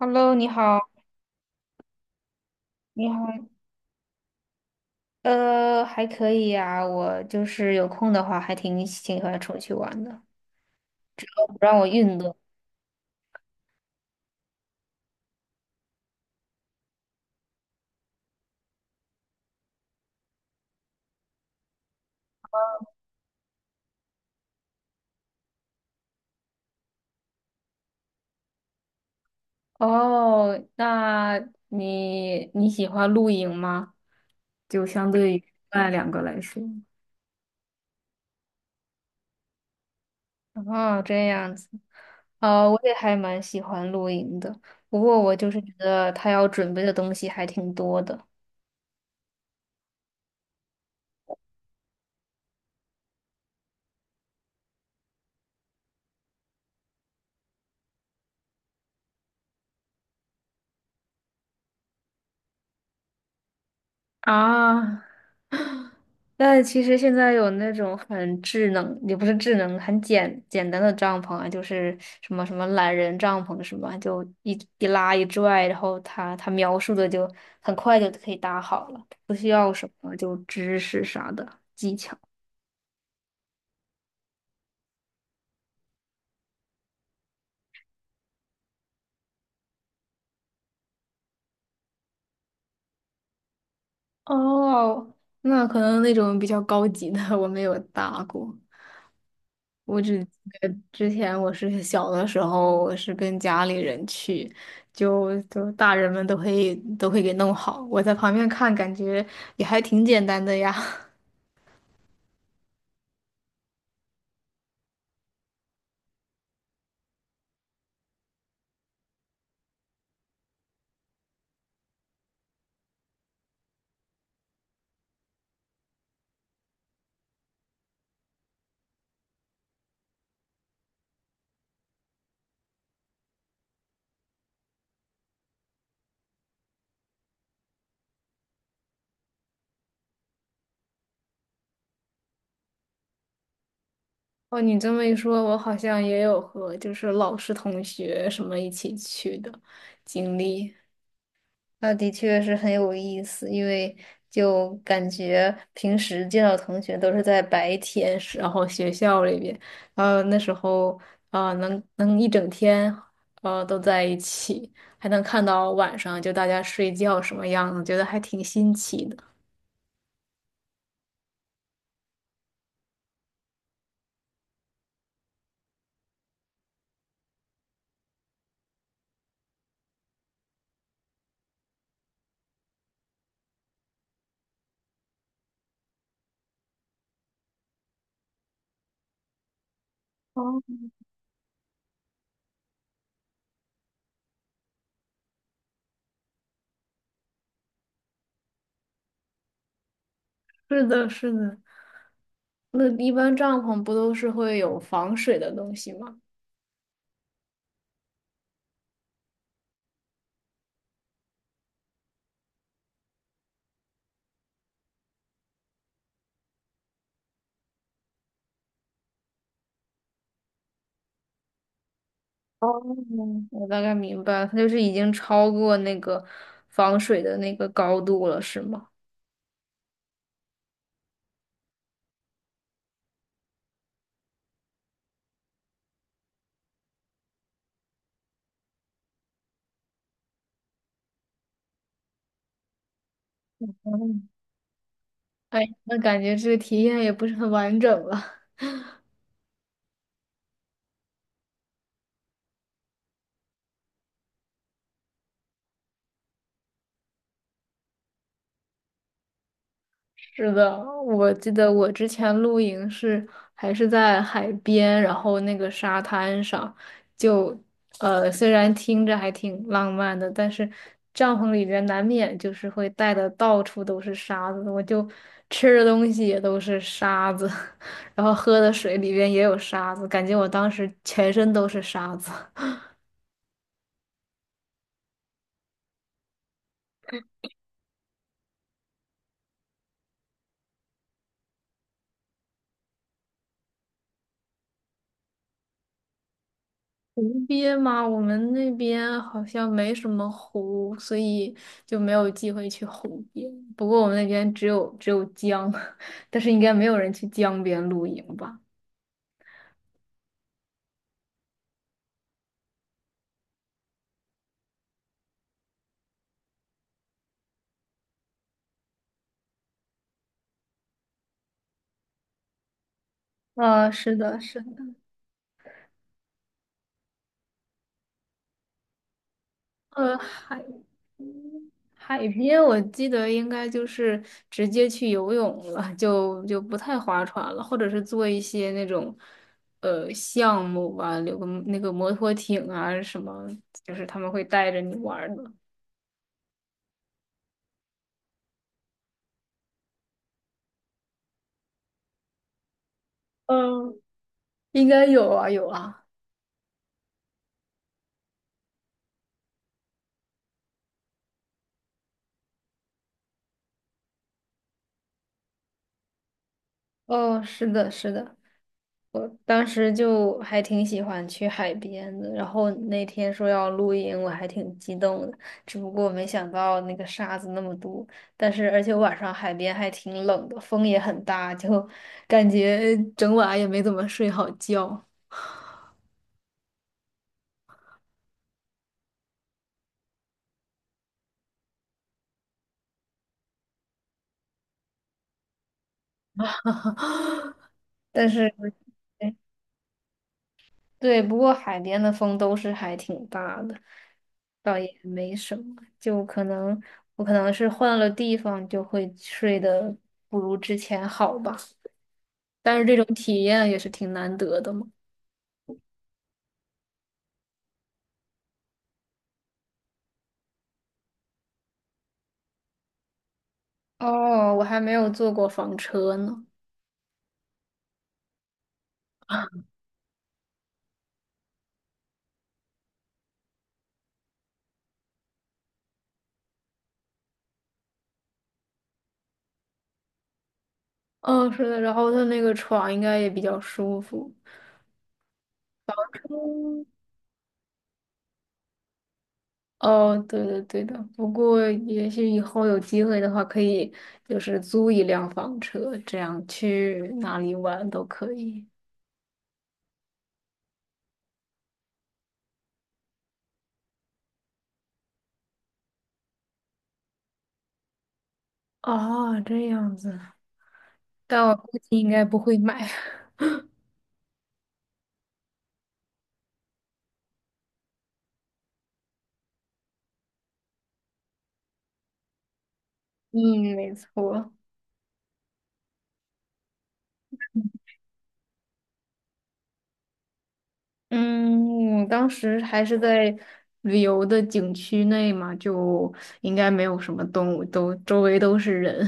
Hello，你好，你好，还可以呀、我就是有空的话，还挺喜欢出去玩的，不让我运动。哦，那你喜欢露营吗？就相对于另外两个来说。哦，这样子，我也还蛮喜欢露营的，不过我就是觉得他要准备的东西还挺多的。啊，但其实现在有那种很智能，也不是智能，很简单的帐篷啊，就是什么懒人帐篷什么，就一拉一拽，然后它描述的就很快就可以搭好了，不需要什么就知识啥的。哦，那可能那种比较高级的我没有搭过，我只之前我是小的时候，我是跟家里人去，大人们都会给弄好，我在旁边看，感觉也还挺简单的呀。哦，你这么一说，我好像也有和就是老师、同学什么一起去的经历。那的确是很有意思，因为就感觉平时见到同学都是在白天，然后学校里边，然后那时候啊、能一整天都在一起，还能看到晚上就大家睡觉什么样子，觉得还挺新奇的。哦，是的，是的。那一般帐篷不都是会有防水的东西吗？哦，我大概明白了，它就是已经超过那个防水的那个高度了，是吗？哎，那感觉这个体验也不是很完整了。是的，我记得我之前露营是还是在海边，然后那个沙滩上，就虽然听着还挺浪漫的，但是帐篷里边难免就是会带的到处都是沙子，我就吃的东西也都是沙子，然后喝的水里边也有沙子，感觉我当时全身都是沙子。湖边嘛，我们那边好像没什么湖，所以就没有机会去湖边。不过我们那边只有江，但是应该没有人去江边露营吧？呃，是的，是的，呃，海边我记得应该就是直接去游泳了，就不太划船了，或者是做一些那种项目吧，有个那个摩托艇啊什么，就是他们会带着你玩儿的。嗯应该有啊，有啊。哦，是的，是的，我当时就还挺喜欢去海边的。然后那天说要露营，我还挺激动的。只不过没想到那个沙子那么多，但是而且晚上海边还挺冷的，风也很大，就感觉整晚也没怎么睡好觉。但是对，不过海边的风都是还挺大的，倒也没什么。就可能我可能是换了地方，就会睡得不如之前好吧。但是这种体验也是挺难得的嘛。哦，我还没有坐过房车呢。哦，是的，然后它那个床应该也比较舒服。嗯哦，对的，对的。不过也许以后有机会的话，可以就是租一辆房车，这样去哪里玩都可以。哦，这样子，但我估计应该不会买。嗯，没错。嗯，我当时还是在旅游的景区内嘛，就应该没有什么动物，都周围都是人。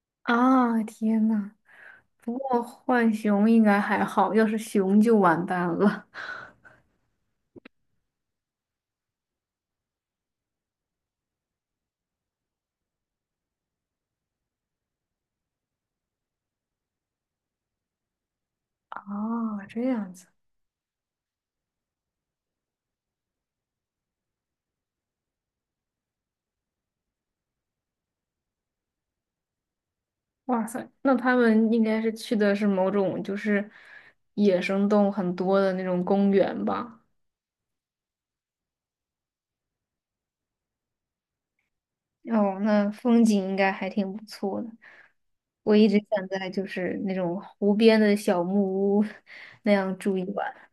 啊，天呐，不过浣熊应该还好，要是熊就完蛋了。哦，这样子，哇塞，那他们应该是去的是某种就是野生动物很多的那种公园吧？哦，那风景应该还挺不错的。我一直想在就是那种湖边的小木屋那样住一晚。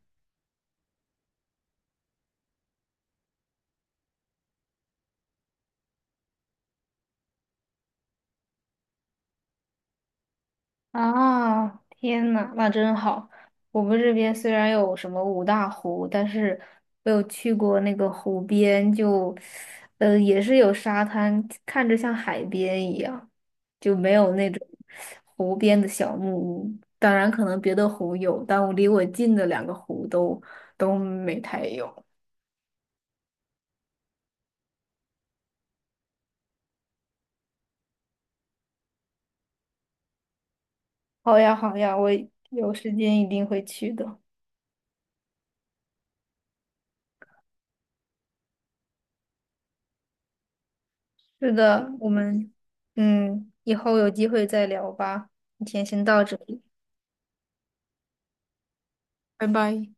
啊，天呐，那真好！我们这边虽然有什么五大湖，但是我有去过那个湖边就，呃，也是有沙滩，看着像海边一样，就没有那种湖边的小木屋。当然，可能别的湖有，但我离我近的两个湖都没太有。好呀，好呀，我有时间一定会去的。是的，我们嗯，以后有机会再聊吧。今天先到这里，拜拜。